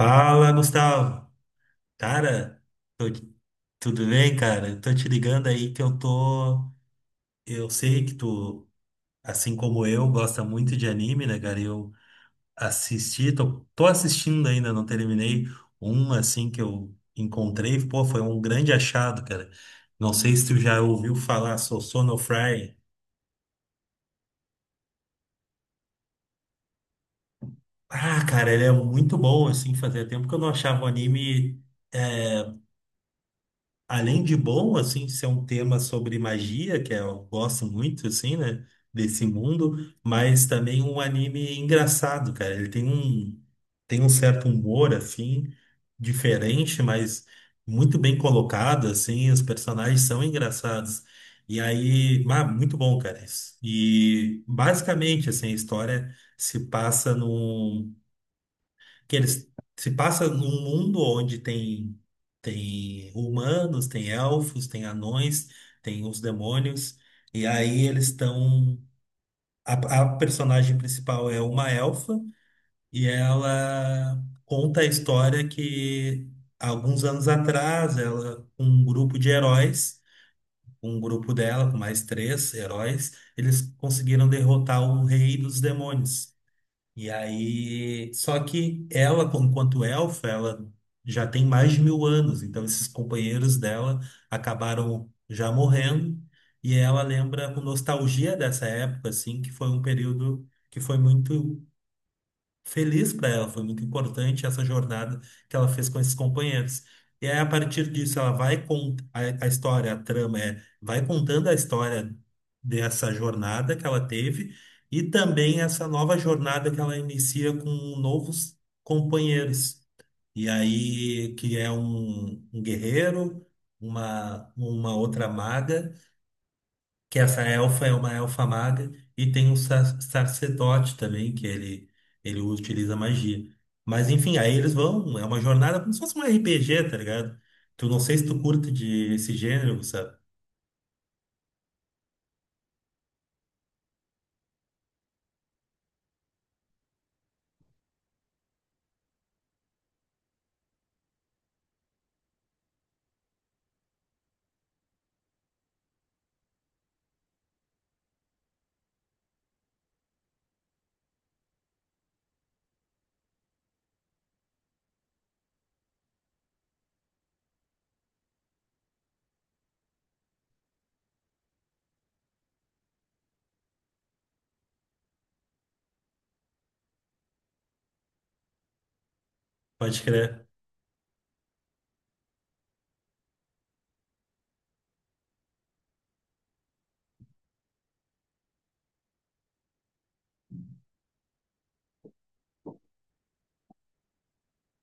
Fala, Gustavo. Cara, tô- tudo bem, cara? Eu Tô te ligando aí que eu tô. Eu sei que tu, assim como eu, gosta muito de anime, né, cara? Eu assisti, tô assistindo ainda, não terminei um assim que eu encontrei. Pô, foi um grande achado, cara. Não sei se tu já ouviu falar, sou Sonofry. Ah, cara, ele é muito bom, assim, fazia tempo que eu não achava um anime. é, Além de bom, assim, ser um tema sobre magia, que é, eu gosto muito, assim, né? Desse mundo, mas também um anime engraçado, cara. Tem um certo humor, assim, diferente, mas muito bem colocado, assim. Os personagens são engraçados. E aí, ah, muito bom, cara. Isso. E basicamente, assim, a história se passa num que eles se passa num mundo onde tem humanos, tem elfos, tem anões, tem os demônios, e aí eles estão a personagem principal é uma elfa e ela conta a história que alguns anos atrás ela com um grupo de heróis. Um grupo dela, com mais três heróis, eles conseguiram derrotar o rei dos demônios. E aí, só que ela, enquanto elfa, ela já tem mais de 1000 anos, então esses companheiros dela acabaram já morrendo, e ela lembra com nostalgia dessa época, assim, que foi um período que foi muito feliz para ela, foi muito importante essa jornada que ela fez com esses companheiros. E aí, a partir disso, ela vai com a história, a trama é, vai contando a história dessa jornada que ela teve e também essa nova jornada que ela inicia com novos companheiros. E aí, que é um, um guerreiro, uma outra maga, que essa elfa é uma elfa maga, e tem um sacerdote também, ele utiliza magia. Mas enfim, aí eles vão, é uma jornada como se fosse um RPG, tá ligado? Tu não sei se tu curte de esse gênero, sabe? Pode crer.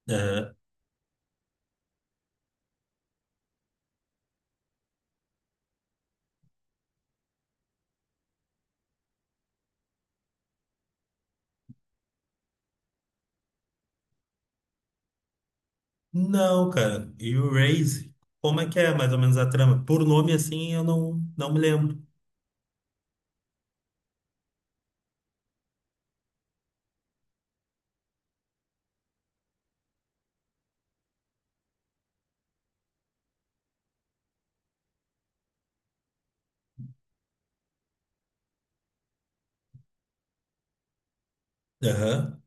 É, não, cara. E o Raze, como é que é mais ou menos a trama? Por nome assim, eu não, não me lembro. Aham.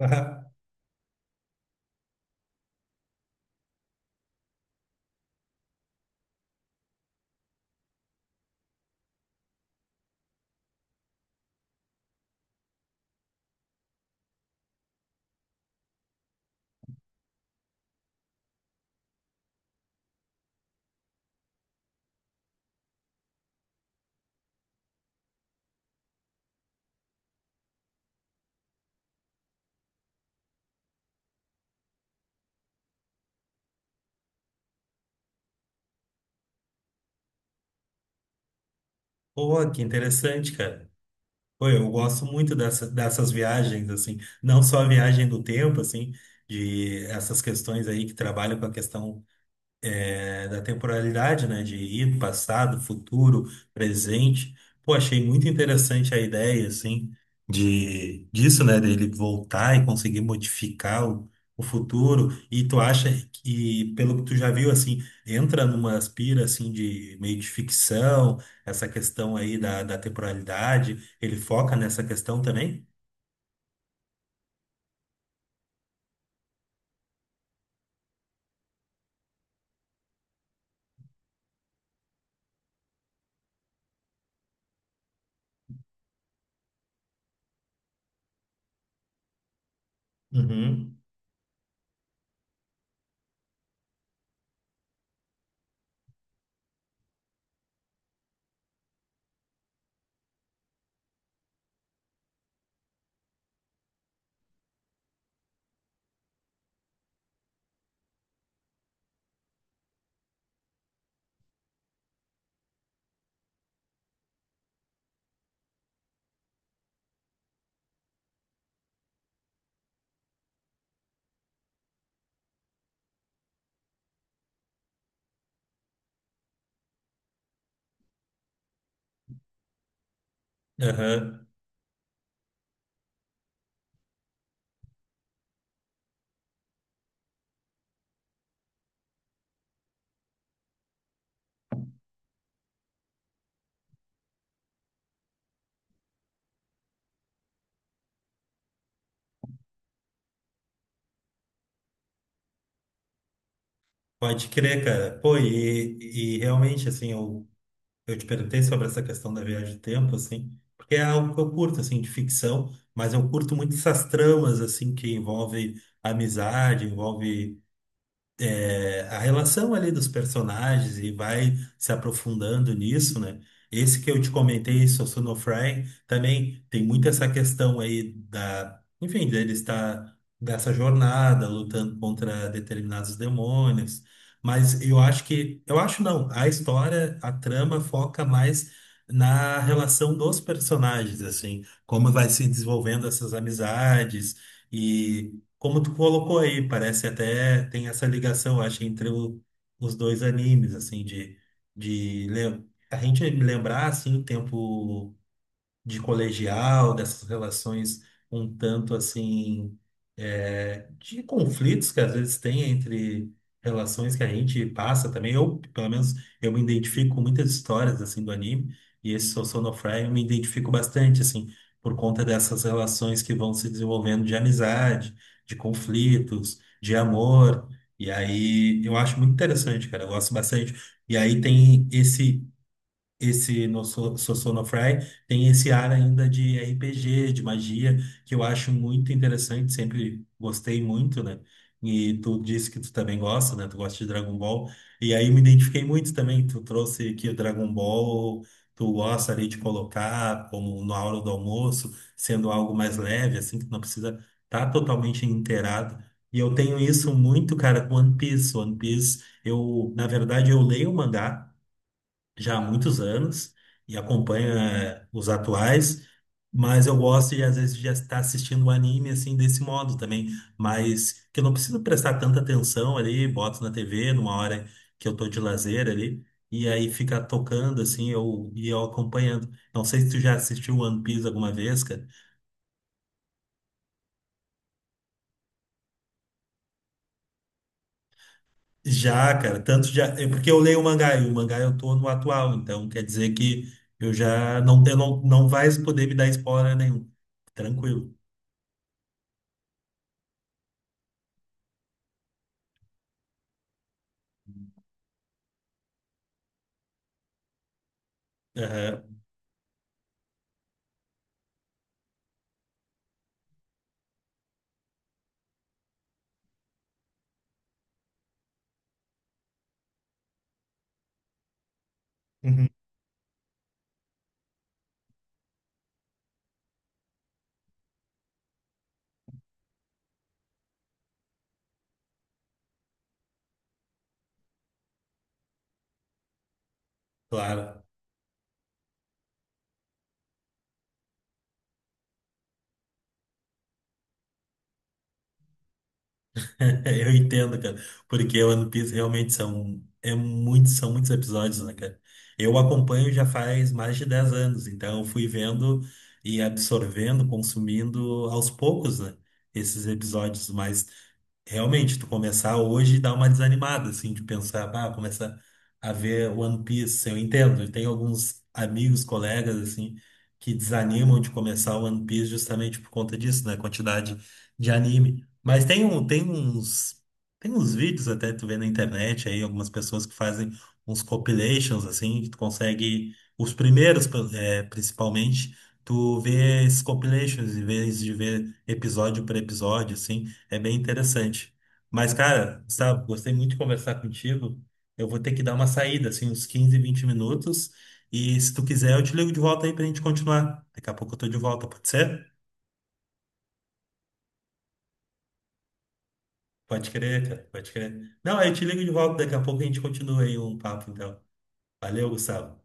Aham. Pô, que interessante, cara. Pô, eu gosto muito dessa, dessas viagens, assim, não só a viagem do tempo, assim, de essas questões aí que trabalham com a questão da temporalidade, né? De ir, passado, futuro, presente. Pô, achei muito interessante a ideia, assim, de, disso, né? Dele voltar e conseguir modificar o futuro. E tu acha que, pelo que tu já viu, assim, entra numa aspira, assim, de meio de ficção, essa questão aí da, da temporalidade, ele foca nessa questão também? Uhum. Aham. Pode crer, cara. Pô, e realmente, assim, eu te perguntei sobre essa questão da viagem do tempo, assim, porque é algo que eu curto, assim, de ficção, mas eu curto muito essas tramas, assim, que envolve amizade, envolve a relação ali dos personagens e vai se aprofundando nisso, né? Esse que eu te comentei, Sosuno Fry, também tem muito essa questão aí da, enfim, dele estar dessa jornada lutando contra determinados demônios. Mas eu acho que, eu acho não, a história, a trama foca mais na relação dos personagens, assim, como vai se desenvolvendo essas amizades, como tu colocou aí, parece até tem essa ligação, acho, entre os dois animes, assim, de a gente lembrar, assim, o tempo de colegial, dessas relações um tanto assim, de conflitos que às vezes tem entre relações que a gente passa também. Eu, pelo menos, eu me identifico com muitas histórias assim do anime, e esse Sou Sonofre eu me identifico bastante, assim, por conta dessas relações que vão se desenvolvendo de amizade, de conflitos, de amor. E aí, eu acho muito interessante, cara. Eu gosto bastante. E aí tem esse esse no So- Sossonofrei tem esse ar ainda de RPG, de magia, que eu acho muito interessante, sempre gostei muito, né? E tu disse que tu também gosta, né? Tu gosta de Dragon Ball. E aí me identifiquei muito também. Tu trouxe aqui o Dragon Ball, tu gosta ali de colocar como na hora do almoço, sendo algo mais leve, assim, que não precisa estar totalmente inteirado. E eu tenho isso muito, cara, com One Piece. One Piece, eu, na verdade, eu leio o mangá já há muitos anos e acompanho os atuais, mas eu gosto de às vezes já estar assistindo o anime assim desse modo também, mas que eu não preciso prestar tanta atenção ali, boto na TV numa hora que eu tô de lazer ali e aí fica tocando assim, eu acompanhando. Não sei se tu já assistiu One Piece alguma vez, cara. Já, cara, tanto já, é porque eu leio o mangá e o mangá eu tô no atual, então quer dizer que eu não, não vai poder me dar spoiler nenhum. Tranquilo. Aham. Uhum. Claro, eu entendo, cara, porque o One Piece realmente é muito, são muitos episódios, né, cara? Eu acompanho já faz mais de 10 anos, então eu fui vendo e absorvendo, consumindo aos poucos, né, esses episódios mais. Realmente, tu começar hoje dá uma desanimada, assim, de pensar, ah, começa a ver One Piece. Eu entendo, eu tenho alguns amigos, colegas, assim, que desanimam de começar One Piece justamente por conta disso, né? Quantidade de anime. Mas tem uns vídeos até tu vê na internet aí, algumas pessoas que fazem uns compilations, assim, que tu consegue, os primeiros, principalmente, tu vê esses compilations, em vez de ver episódio por episódio, assim. É bem interessante. Mas, cara, sabe? Gostei muito de conversar contigo. Eu vou ter que dar uma saída, assim, uns 15, 20 minutos. E se tu quiser, eu te ligo de volta aí pra gente continuar. Daqui a pouco eu tô de volta, pode ser? Pode crer, cara, pode crer. Não, aí eu te ligo de volta, daqui a pouco a gente continua aí um papo, então. Valeu, Gustavo.